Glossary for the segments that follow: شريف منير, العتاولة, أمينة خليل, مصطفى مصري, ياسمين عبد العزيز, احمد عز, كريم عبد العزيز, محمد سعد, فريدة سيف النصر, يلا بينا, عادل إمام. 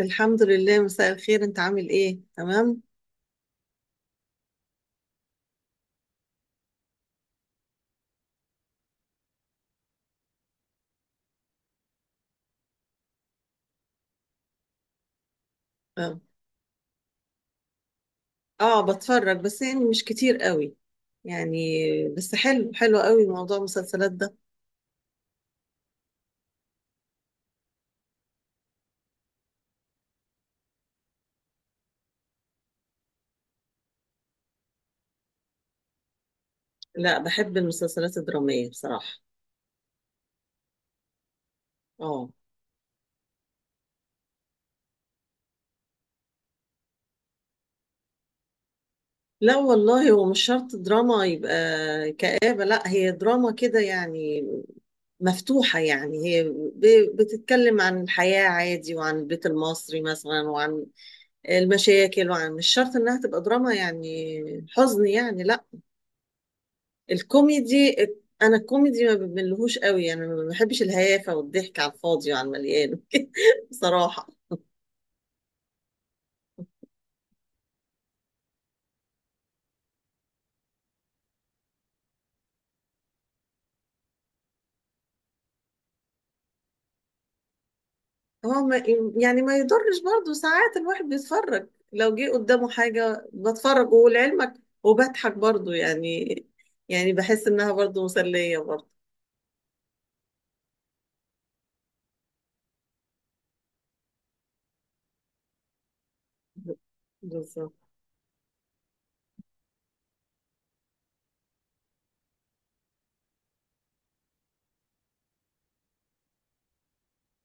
الحمد لله. مساء الخير، انت عامل ايه؟ تمام. اه. بتفرج بس يعني مش كتير قوي يعني. بس حلو، حلو قوي موضوع المسلسلات ده. لا، بحب المسلسلات الدرامية بصراحة. اه. لا والله، هو مش شرط دراما يبقى كآبة. لا، هي دراما كده يعني، مفتوحة يعني هي. بتتكلم عن الحياة عادي، وعن البيت المصري مثلا، وعن المشاكل، وعن مش شرط انها تبقى دراما يعني حزن، يعني لا. الكوميدي، انا الكوميدي ما بملهوش قوي، انا ما بحبش الهيافه والضحك على الفاضي وعلى المليان بصراحه. هو ما يعني ما يضرش برضه، ساعات الواحد بيتفرج، لو جه قدامه حاجه بتفرج ولعلمك وبضحك برضه يعني. يعني بحس انها برضه مسليه برضه. بالظبط.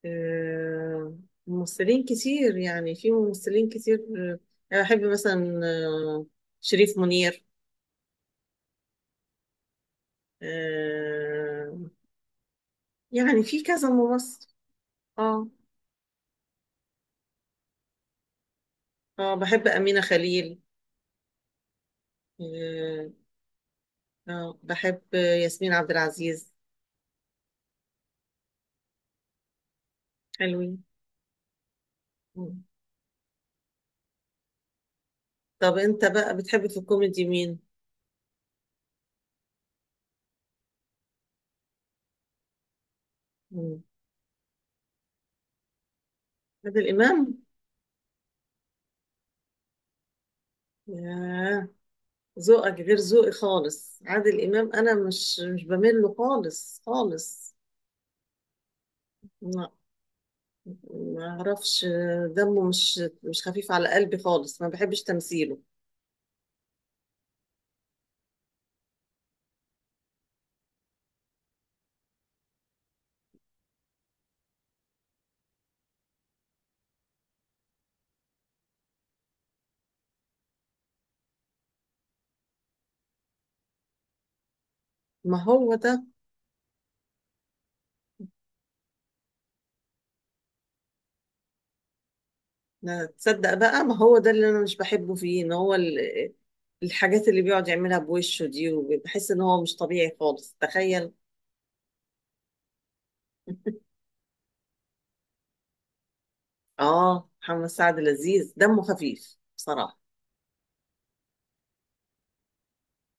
آه، ممثلين كتير يعني، في ممثلين كتير آه، انا بحب مثلا شريف منير. آه، يعني في كذا ممثل. اه. اه، بحب أمينة خليل. آه. آه، بحب ياسمين عبد العزيز. حلوين. مم. طب انت بقى بتحب في الكوميدي مين؟ مم. عادل إمام؟ ياه، ذوقك غير ذوقي خالص. عادل إمام أنا مش بميل له خالص خالص. لا، ما أعرفش. دمه مش خفيف على قلبي خالص، ما بحبش تمثيله. ما هو ده. لا تصدق بقى، ما هو ده اللي انا مش بحبه فيه، ان هو الحاجات اللي بيقعد يعملها بوشه دي، وبحس ان هو مش طبيعي خالص، تخيل. اه، محمد سعد لذيذ، دمه خفيف بصراحة.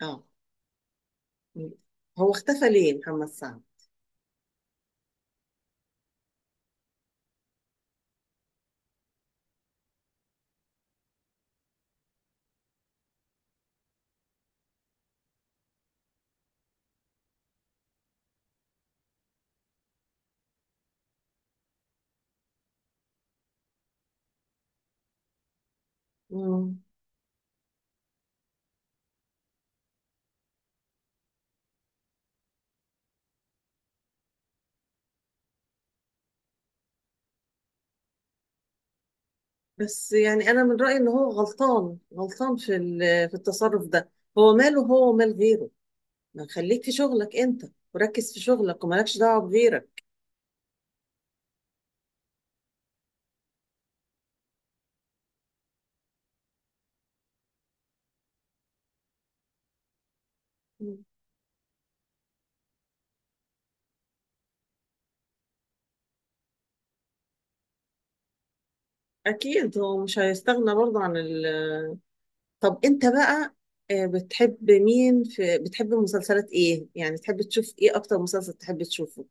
اه، هو اختفى ليه محمد سعد؟ مم. بس يعني انا من رأيي ان هو غلطان، غلطان في في التصرف ده. هو ماله هو ومال غيره؟ ما خليك في شغلك انت، وركز في شغلك ومالكش دعوة بغيرك. مم. اكيد هو مش هيستغنى برضه عن. طب انت بقى، بتحب مين في، بتحب مسلسلات ايه يعني، تحب تشوف ايه؟ اكتر مسلسل تحب تشوفه؟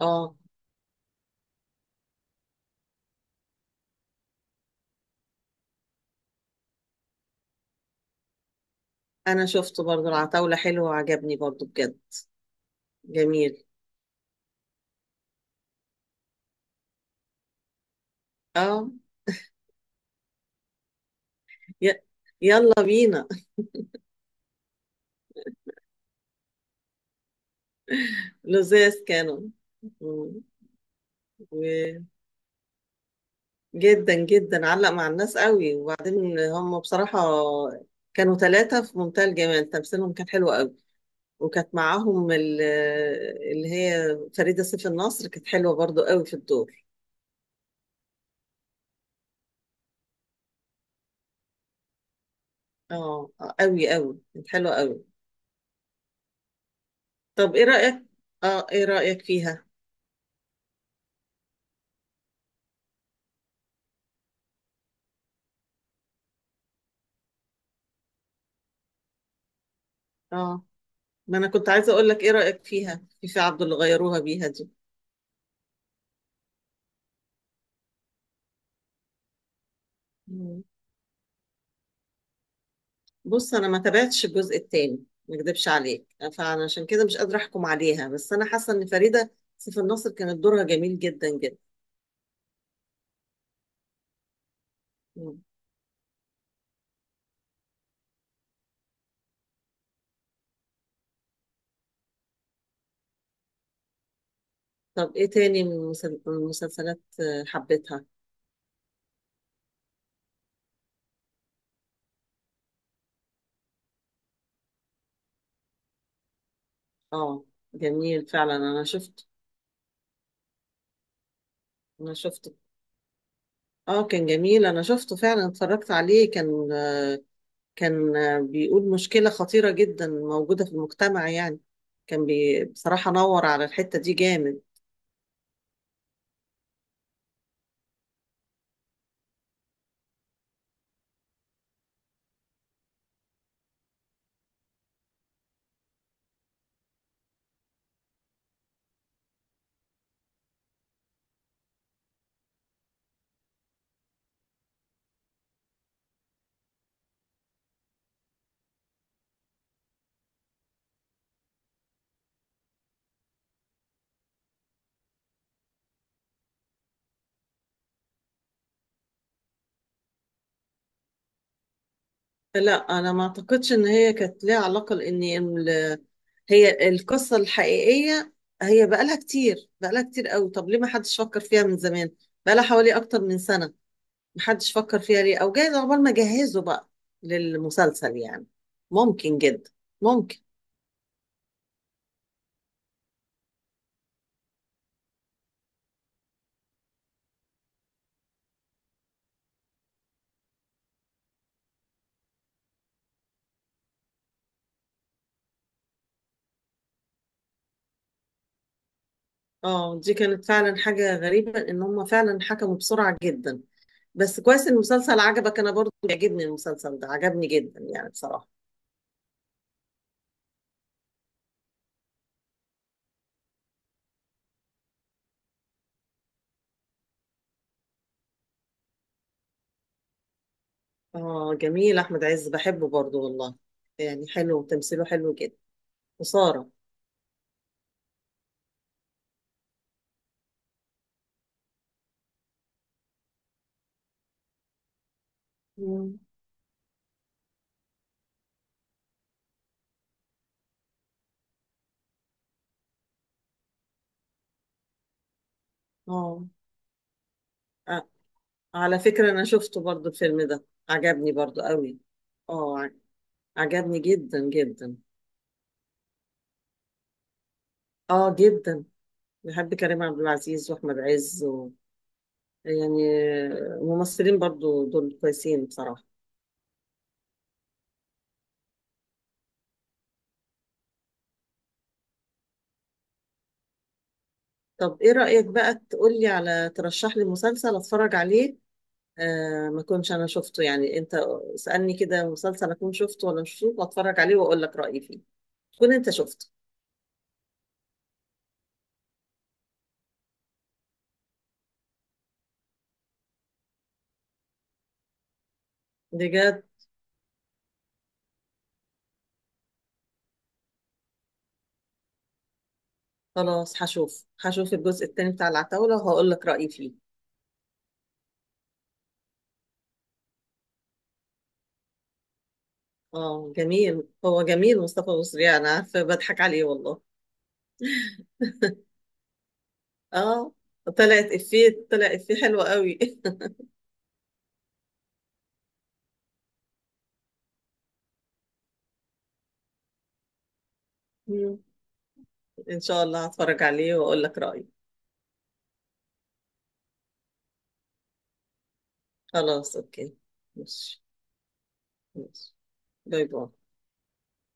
اه، انا شفته برضو العتاولة، حلو وعجبني برضو بجد. جميل. اه. ي- يلا بينا. لزاز كانوا. مم. وجدا، جدا جدا علق مع الناس قوي. وبعدين هم بصراحة كانوا ثلاثة في منتهى الجمال، تمثيلهم كان حلو قوي. وكانت معاهم اللي هي فريدة سيف النصر كانت حلوة برضو قوي في الدور. اه، آه، قوي قوي كانت حلوة قوي. طب ايه رأيك؟ اه، ايه رأيك فيها؟ اه، ما انا كنت عايزة اقول لك ايه رأيك فيها، في في عبد اللي غيروها بيها دي. مم. بص، انا ما تابعتش الجزء التاني، ما اكدبش عليك، فانا عشان كده مش قادرة احكم عليها. بس انا حاسة ان فريدة سيف الناصر كانت دورها جميل جدا جدا. مم. طب ايه تاني من من المسلسلات حبيتها؟ اه، جميل فعلا، انا شفت. انا شفته. اه، كان جميل، انا شفته فعلا، اتفرجت عليه، كان، كان بيقول مشكلة خطيرة جدا موجودة في المجتمع يعني. كان بي بصراحة نور على الحتة دي جامد. لا، أنا ما أعتقدش إن هي كانت ليها علاقة، لأن هي القصة الحقيقية هي بقالها كتير، بقالها كتير قوي. طب ليه ما حدش فكر فيها من زمان؟ بقالها حوالي أكتر من سنة، ما حدش فكر فيها ليه؟ أو جايز عقبال ما جهزوا بقى للمسلسل يعني. ممكن جدا، ممكن. اه، دي كانت فعلا حاجة غريبة، إن هم فعلا حكموا بسرعة جدا. بس كويس إن المسلسل عجبك، انا برضو بيعجبني المسلسل ده، عجبني جدا يعني بصراحة. اه جميل، احمد عز بحبه برضو والله، يعني حلو، وتمثيله حلو جدا. وسارة. مم. اه، آه، على فكرة انا شفته برضو الفيلم ده، عجبني برضو قوي. اه، عجبني جدا جدا. اه جدا، بحب كريم عبد العزيز واحمد عز و... يعني ممثلين برضو دول كويسين بصراحة. طب ايه رأيك بقى تقولي على، ترشح لي مسلسل اتفرج عليه، آه ما كنتش انا شفته يعني. انت اسألني كده مسلسل اكون شفته ولا مش شفته، واتفرج عليه واقول لك رأيي فيه، تكون انت شفته. بجد. خلاص، هشوف، هشوف الجزء التاني بتاع العتاولة وهقول لك رأيي فيه. اه جميل، هو جميل مصطفى مصري، انا عارفة بضحك عليه والله. اه، طلعت افيه، طلع افيه حلو قوي. مم. ان شاء الله هتفرج عليه واقول لك رأيي. خلاص، اوكي. ماشي. ماشي، باي باي.